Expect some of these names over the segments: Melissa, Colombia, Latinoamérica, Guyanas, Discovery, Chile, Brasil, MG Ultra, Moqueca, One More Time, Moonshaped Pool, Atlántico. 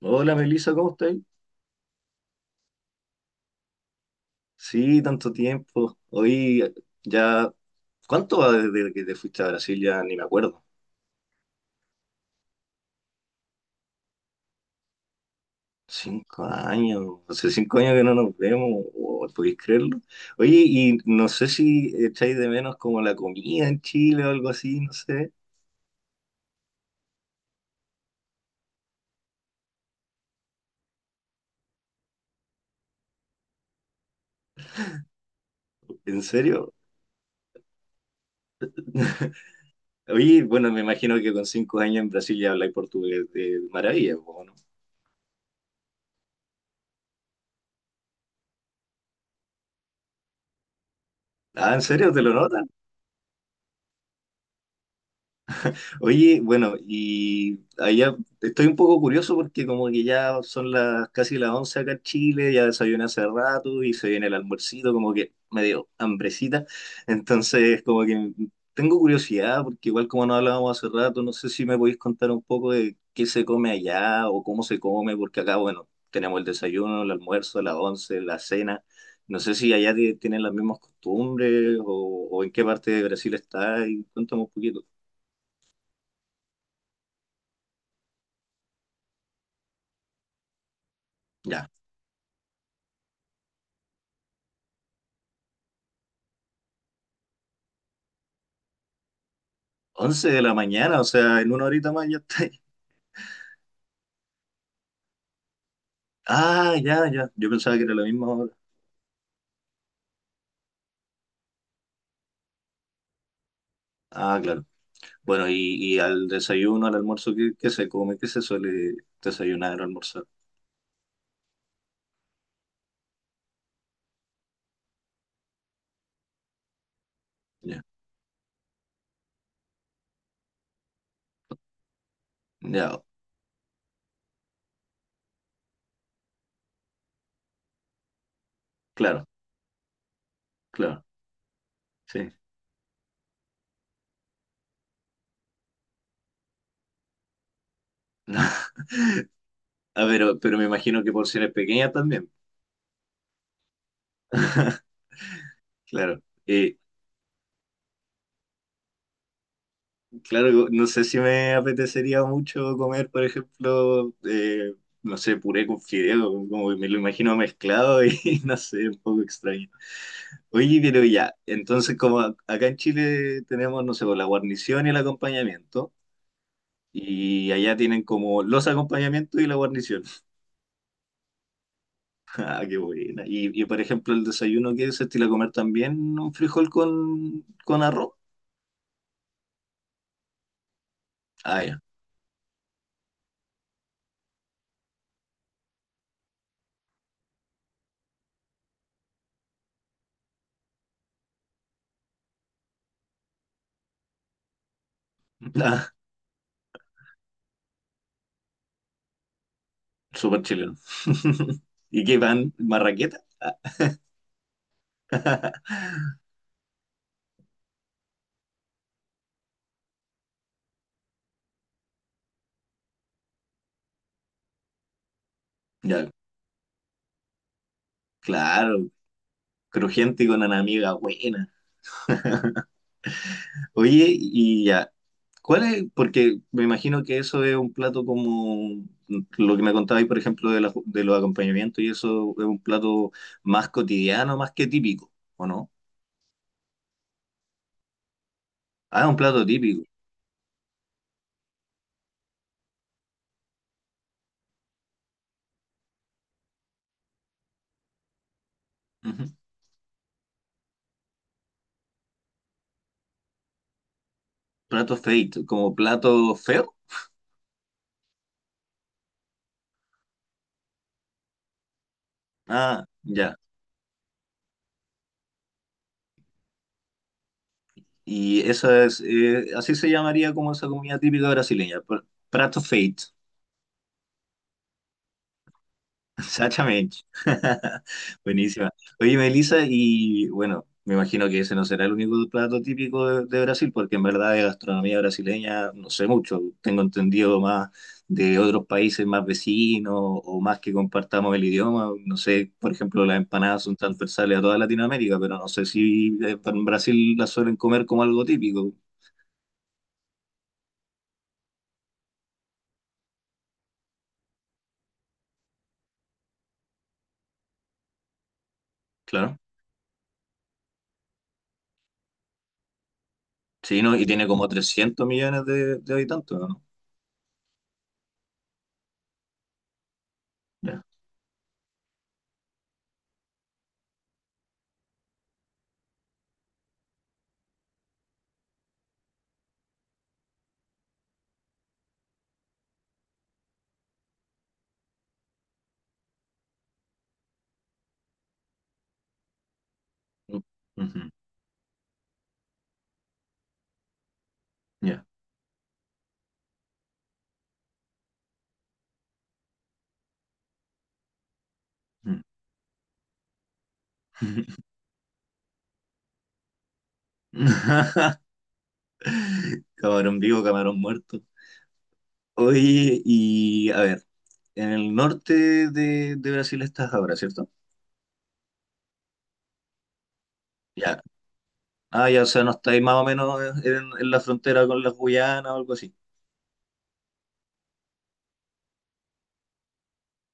Hola Melissa, ¿cómo estáis? Sí, tanto tiempo. Hoy ya. ¿Cuánto va desde que te fuiste a Brasil? Ya ni me acuerdo. 5 años. Hace 5 años que no nos vemos. Oh, ¿podéis creerlo? Oye, y no sé si echáis de menos como la comida en Chile o algo así, no sé. ¿En serio? Oye, bueno, me imagino que con 5 años en Brasil ya habláis portugués de maravilla, po, ¿no? Ah, ¿en serio? ¿Te lo notas? Oye, bueno, y allá estoy un poco curioso porque como que ya son las casi las 11 acá en Chile, ya desayuné hace rato y se viene el almuercito, como que me dio hambrecita. Entonces, como que tengo curiosidad porque igual como no hablábamos hace rato, no sé si me podéis contar un poco de qué se come allá o cómo se come, porque acá, bueno, tenemos el desayuno, el almuerzo, las 11, la cena. No sé si allá tienen las mismas costumbres o en qué parte de Brasil está y cuéntame un poquito. 11 de la mañana, o sea, en una horita más ya está ahí. Ah, ya, ya. Yo pensaba que era la misma hora. Ah, claro. Bueno, y al desayuno, al almuerzo, ¿qué se come? ¿Qué se suele desayunar o almorzar? Ya, ya, claro, claro, sí. Ah, pero me imagino que porciones pequeñas también. Claro. Claro, no sé si me apetecería mucho comer, por ejemplo, no sé, puré con fideo, como que me lo imagino mezclado y no sé, un poco extraño. Oye, pero ya, entonces como acá en Chile tenemos, no sé, pues, la guarnición y el acompañamiento, y allá tienen como los acompañamientos y la guarnición. Ah, qué buena. Y, por ejemplo, el desayuno que se estila comer también un frijol con arroz. Ah, ya. Ah, súper chileno. ¿Y qué pan? ¿Marraqueta? Ah, ya, claro, crujiente y con una amiga buena. Oye, y ya. ¿Cuál es? Porque me imagino que eso es un plato como lo que me contabais, por ejemplo, de los acompañamientos, y eso es un plato más cotidiano, más que típico, ¿o no? Ah, es un plato típico. Ujú. Plato feito, como plato feo. Ah, ya. Y eso es, así se llamaría como esa comida típica brasileña, prato feito. Exactamente. Buenísima. Oye, Melissa, y bueno, me imagino que ese no será el único plato típico de Brasil, porque en verdad de gastronomía brasileña no sé mucho. Tengo entendido más de otros países más vecinos o más que compartamos el idioma. No sé, por ejemplo, las empanadas son transversales a toda Latinoamérica, pero no sé si en Brasil las suelen comer como algo típico. Claro. Sí, ¿no? Y tiene como 300 millones de habitantes, ¿o no? Ya. Ujú. Ya. Mm. Camarón vivo, camarón muerto. Oye, y a ver, en el norte de Brasil estás ahora, ¿cierto? Ya. Ah, ya, o sea, no estáis más o menos en la frontera con las Guyanas o algo así.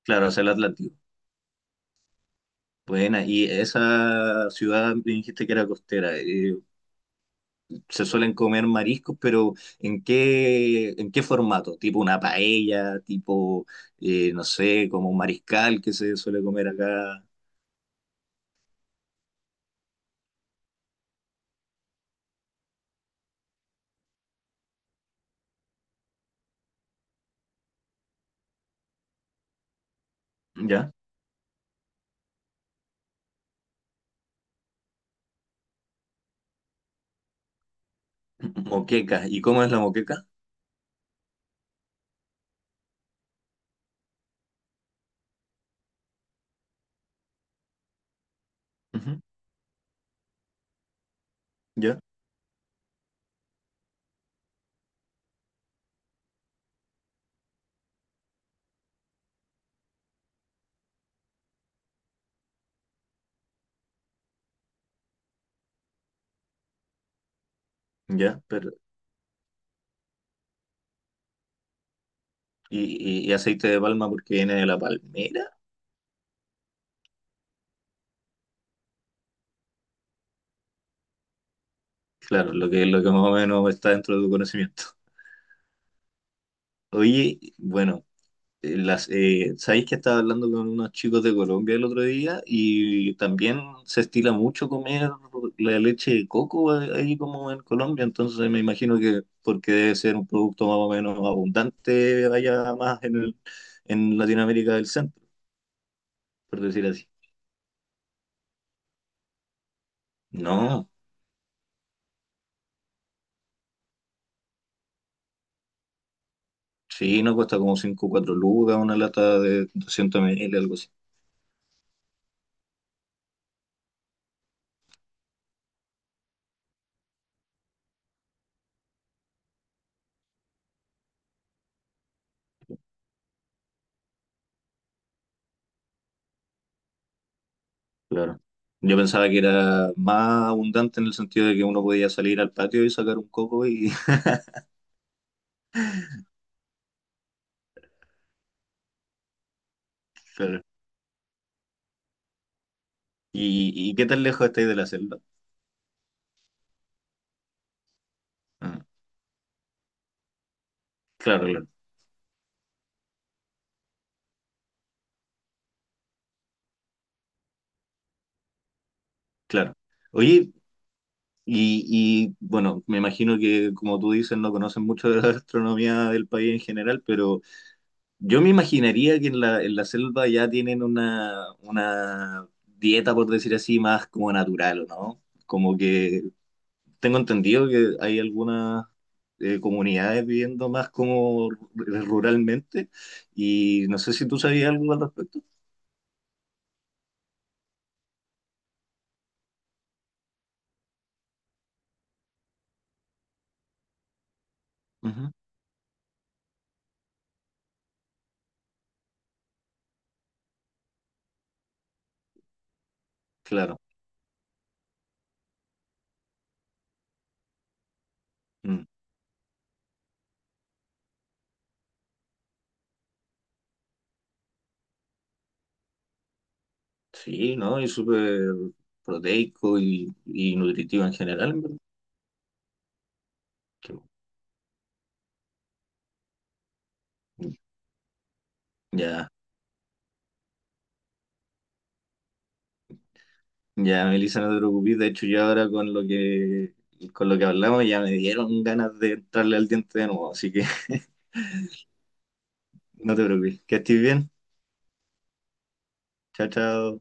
Claro, hacia el Atlántico. Buena, y esa ciudad me dijiste que era costera, se suelen comer mariscos, pero ¿en qué formato? ¿Tipo una paella? ¿Tipo, no sé, como un mariscal que se suele comer acá? ya. Moqueca. ¿Y cómo es la moqueca? Ujú. Ya, ya, pero. ¿Y, y aceite de palma porque viene de la palmera? Claro, lo que más o menos está dentro de tu conocimiento. Oye, bueno, sabéis que estaba hablando con unos chicos de Colombia el otro día y también se estila mucho comer la leche de coco, ahí como en Colombia, entonces me imagino que porque debe ser un producto más o menos abundante allá más en Latinoamérica del centro, por decir así. No. Sí, no cuesta como 5 o 4 lucas una lata de 200 ml, algo así. Claro. Yo pensaba que era más abundante en el sentido de que uno podía salir al patio y sacar un coco y... Claro. Y qué tan lejos estáis de la celda? Ah, claro, claro, claro. Oye, y, y bueno, me imagino que como tú dices, no conocen mucho de la gastronomía del país en general, pero yo me imaginaría que en la selva ya tienen una dieta, por decir así, más como natural, ¿o no? Como que tengo entendido que hay algunas comunidades viviendo más como ruralmente y no sé si tú sabías algo al respecto. Ujú. Claro. Mm. Sí, ¿no? Y súper proteico y nutritivo en general, en verdad. Qué bueno. Ya, ya, Melissa, no te preocupes. De hecho, yo ahora con lo que hablamos ya me dieron ganas de entrarle al diente de nuevo, así que no te preocupes. Que estés bien. Chao, chao.